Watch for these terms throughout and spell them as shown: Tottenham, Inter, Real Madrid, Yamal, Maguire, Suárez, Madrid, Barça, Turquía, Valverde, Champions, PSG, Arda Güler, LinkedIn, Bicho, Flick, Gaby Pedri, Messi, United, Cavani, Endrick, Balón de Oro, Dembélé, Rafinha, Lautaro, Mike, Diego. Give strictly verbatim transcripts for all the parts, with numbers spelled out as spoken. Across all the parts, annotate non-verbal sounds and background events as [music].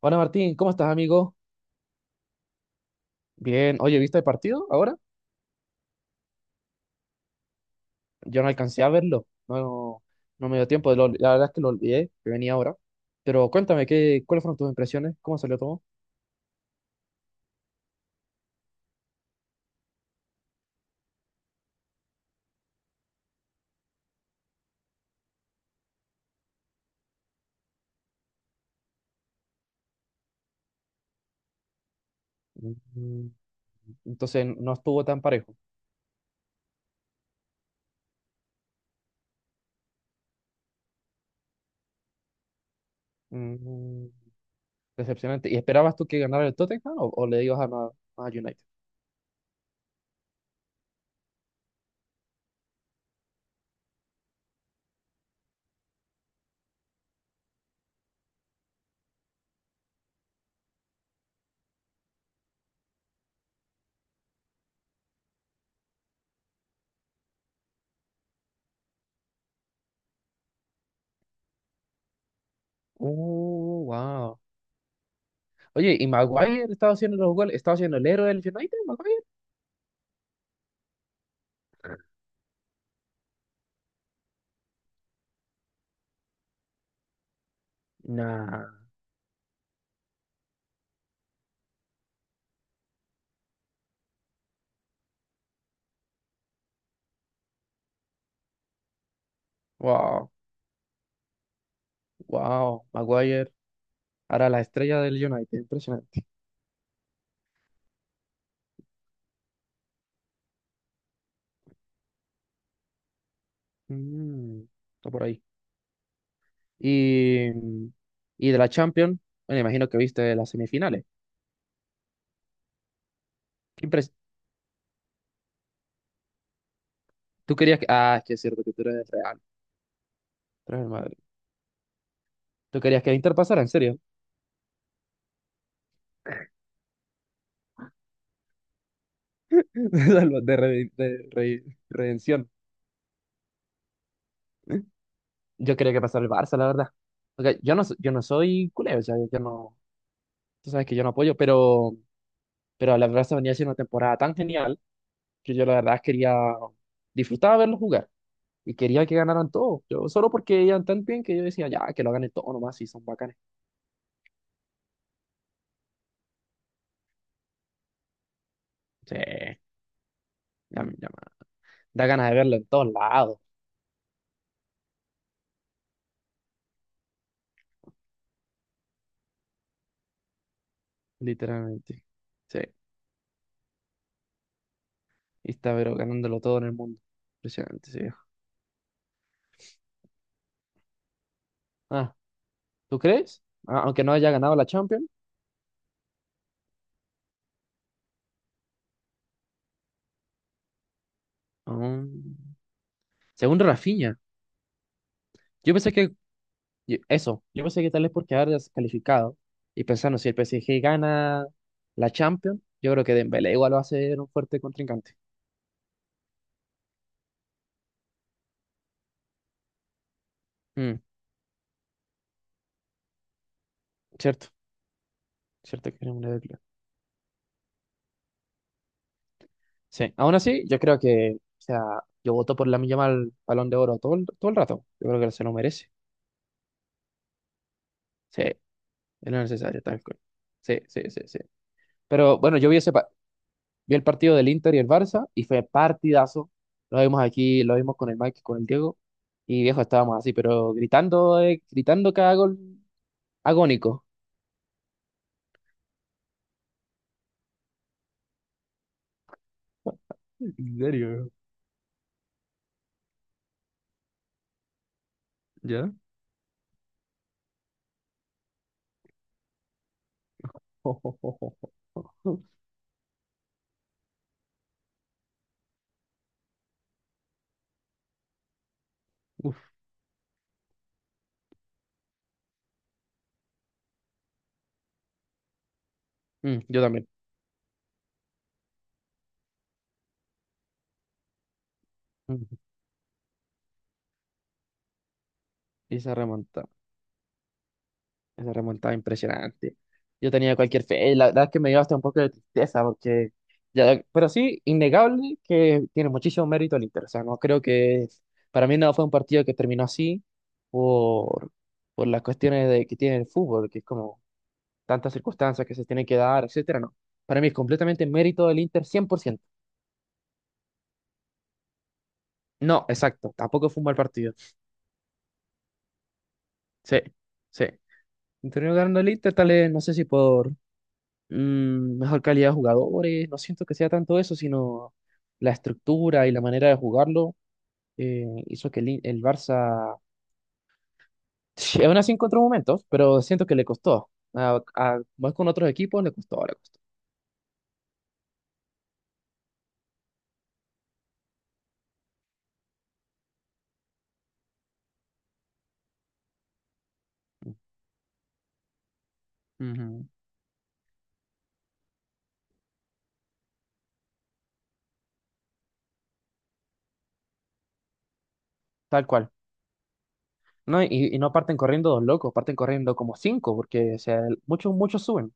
Hola Martín, ¿cómo estás, amigo? Bien, oye, ¿viste el partido ahora? Yo no alcancé a verlo, no, no me dio tiempo, lo- la verdad es que lo olvidé, que venía ahora. Pero cuéntame, ¿qué, ¿cuáles fueron tus impresiones? ¿Cómo salió todo? Mm, Entonces, no estuvo tan parejo. Mm, Decepcionante. ¿Y esperabas tú que ganara el Tottenham o, o le ibas a, Ma- a United? Uh, wow. Oye, ¿y Maguire estaba haciendo los goles? ¿Estaba haciendo el héroe del United, Maguire? Nah. Wow, wow, Maguire. Ahora la estrella del United, impresionante. Mm, Está por ahí. Y, mm, y de la Champions, bueno, imagino que viste las semifinales. ¿Qué impres- ¿Tú querías que... Ah, es que es cierto que tú eres real. Tú eres el Madrid. ¿Tú querías que Inter pasara, en serio? [laughs] De, re- de re- redención. Yo quería que pasara el Barça, la verdad. Porque yo no, so- yo no soy culé, o sea, yo no. Tú sabes que yo no apoyo, pero, pero la Barça venía haciendo una temporada tan genial que yo la verdad quería disfrutar verlo jugar. y quería que ganaran todos. Yo solo porque iban tan bien que yo decía, ya, que lo ganen todos nomás, si son bacanes. Sí, ya, me- ya me- da ganas de verlo en todos lados, literalmente. Sí, y está pero ganándolo todo en el mundo. Impresionante, sí. Ah, ¿tú crees? Ah, aunque no haya ganado la Champions. Ah, según Rafinha, yo pensé que yo- eso, yo pensé que tal vez porque haber calificado y pensando si el P S G gana la Champions, yo creo que Dembélé igual va a ser un fuerte contrincante. Mm, cierto, cierto que era una debilidad. Sí, aún así, yo creo que, o sea, yo voto por la Yamal Balón de Oro todo el, todo el rato. Yo creo que se lo merece. Sí, es necesario, tal cual. Sí, sí, sí, sí. Pero bueno, yo vi, ese pa- vi el partido del Inter y el Barça y fue partidazo. Lo vimos aquí, lo vimos con el Mike, y con el Diego. Y viejo, estábamos así, pero gritando, eh, gritando cada gol agónico. ¿En serio? ¿Ya? [laughs] Uf. Mm, yo también. [laughs] Mm, Y se remonta. Esa remontada impresionante. Yo tenía cualquier fe. y La verdad es que me dio hasta un poco de tristeza porque ya, pero sí, innegable que tiene muchísimo mérito el Inter. O sea, no creo que para mí no fue un partido que terminó así por, por las cuestiones de, que tiene el fútbol, que es como tantas circunstancias que se tienen que dar, etcétera, no. Para mí es completamente mérito del Inter cien por ciento. No, exacto, tampoco fue un mal partido. Sí, sí. Y Terminó ganando el Inter, tal vez, no sé si por mm, mejor calidad de jugadores. No siento que sea tanto eso, sino la estructura y la manera de jugarlo eh, hizo que el, I- el Barça, [laughs] sí, aún así encontró momentos, pero siento que le costó. A- a- más con otros equipos, le costó, le costó. Ujú. Tal cual. No, y, y no parten corriendo dos locos, parten corriendo como cinco, porque o sea, muchos, muchos suben.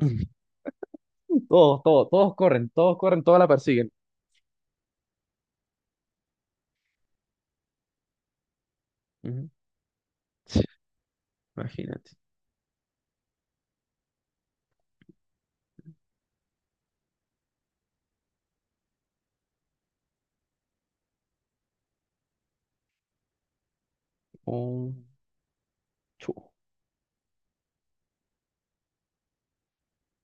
[laughs] Todos, todos, todos corren, todos corren, todos la persiguen. Ujú. [laughs] Imagínate. Un chu,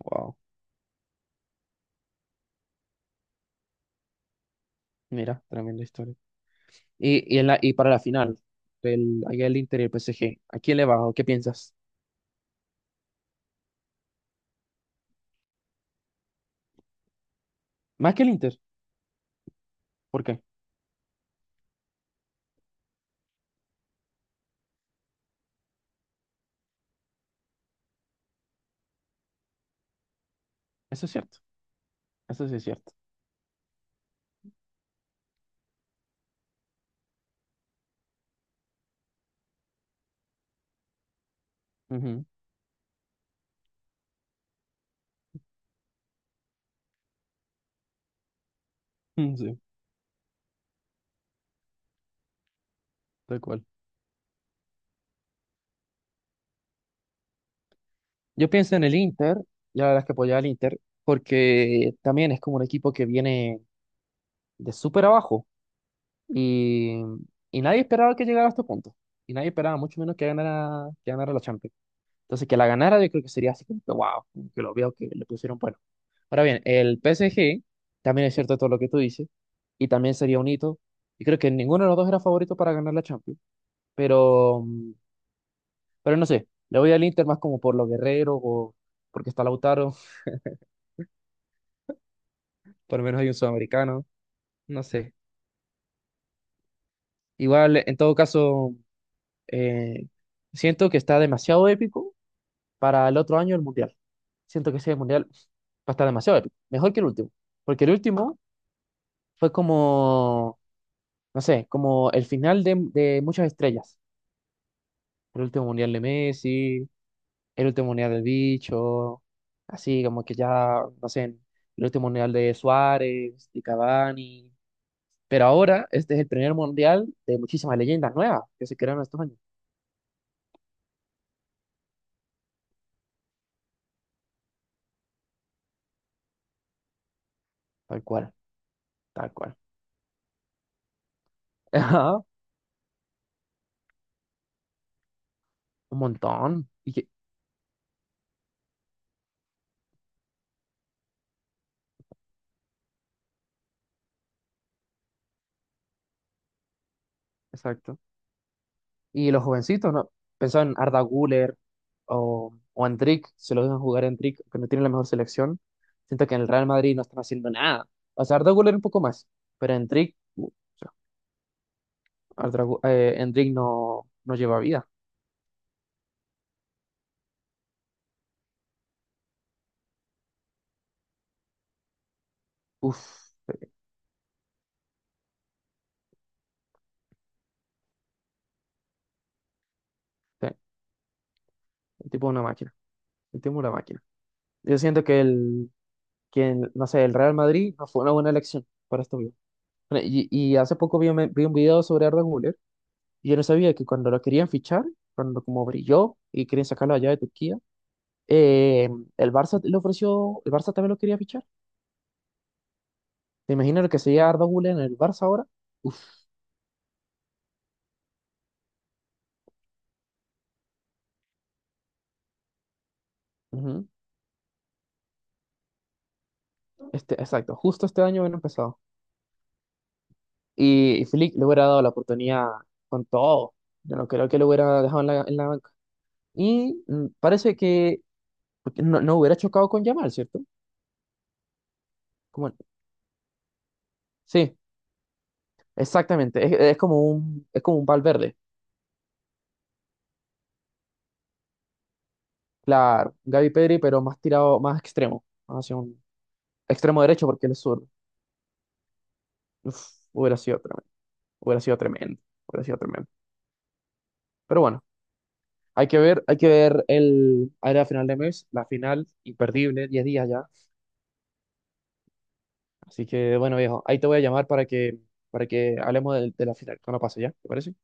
wow. Mira, tremenda historia. Y, y, en la, y para la final, el allá el Inter y el P S G, ¿a quién le vas o qué piensas? Más que el Inter, ¿por qué? Eso es cierto, eso sí es cierto. Ujú, [laughs] Mm, Sí, tal cual. Yo pienso en el Inter, la verdad es que apoyaba al Inter, porque también es como un equipo que viene de súper abajo y, y nadie esperaba que llegara a este punto. Y nadie esperaba, mucho menos que ganara, que ganara la Champions. Entonces, que la ganara, yo creo que sería así como que wow, como que lo veo que le pusieron bueno. Ahora bien, el P S G, también es cierto todo lo que tú dices, y también sería un hito. Y creo que ninguno de los dos era favorito para ganar la Champions, pero, mm, pero no sé, le voy al Inter más como por los guerreros o porque está Lautaro, [laughs] por lo menos hay un sudamericano, no sé. Igual, en todo caso, eh, siento que está demasiado épico para el otro año el Mundial. Siento que ese Mundial va a estar demasiado épico, mejor que el último, porque el último Fue como, no sé, como el final de, de muchas estrellas. El último mundial de Messi, el último mundial del Bicho, así como que ya, no sé, el último mundial de Suárez, de Cavani. Pero ahora este es el primer mundial de muchísimas leyendas nuevas que se crearon estos años. Tal cual, tal cual. [laughs] Ajá, un montón. Y que- exacto. Y los jovencitos, ¿no? Pensaba en Arda Güler o, o Endrick, se lo dejan jugar a Endrick, que no tiene la mejor selección. Siento que en el Real Madrid no están haciendo nada. O sea, Arda Güler un poco más, pero Endrick, uh, o sea, Arda Gu- eh, Endrick no, no lleva vida. Uf, sí, el tipo es una máquina, el tipo es una máquina. Yo siento que el, que el- no sé, el Real Madrid no fue una buena elección para este video. Y, y hace poco vi, un- vi un video sobre Arda Güler y yo no sabía que cuando lo querían fichar, cuando como brilló y querían sacarlo allá de Turquía, Eh, el Barça le ofreció, el Barça también lo quería fichar. ¿Te imaginas lo que sería Arda Güler en el Barça ahora? Uf, ujú. Este, exacto, justo este año hubiera empezado. Y, y Flick le hubiera dado la oportunidad con todo. Yo no creo que lo hubiera dejado en la, en la banca. Y mm, parece que porque no, no hubiera chocado con Yamal, ¿cierto? Como, sí, exactamente. Es, es como un, es como un Valverde. Claro, Gaby Pedri, pero más tirado, más extremo. Hacia un extremo derecho porque él es zurdo. Uf, hubiera sido tremendo. Hubiera sido tremendo, hubiera sido tremendo. Pero bueno, hay que ver, hay que ver el área de final de mes, la final imperdible, diez días ya. Así que bueno, viejo, ahí te voy a llamar para que, para que hablemos del de la final cuando pase ya, ¿te parece?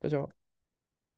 Chao, chao.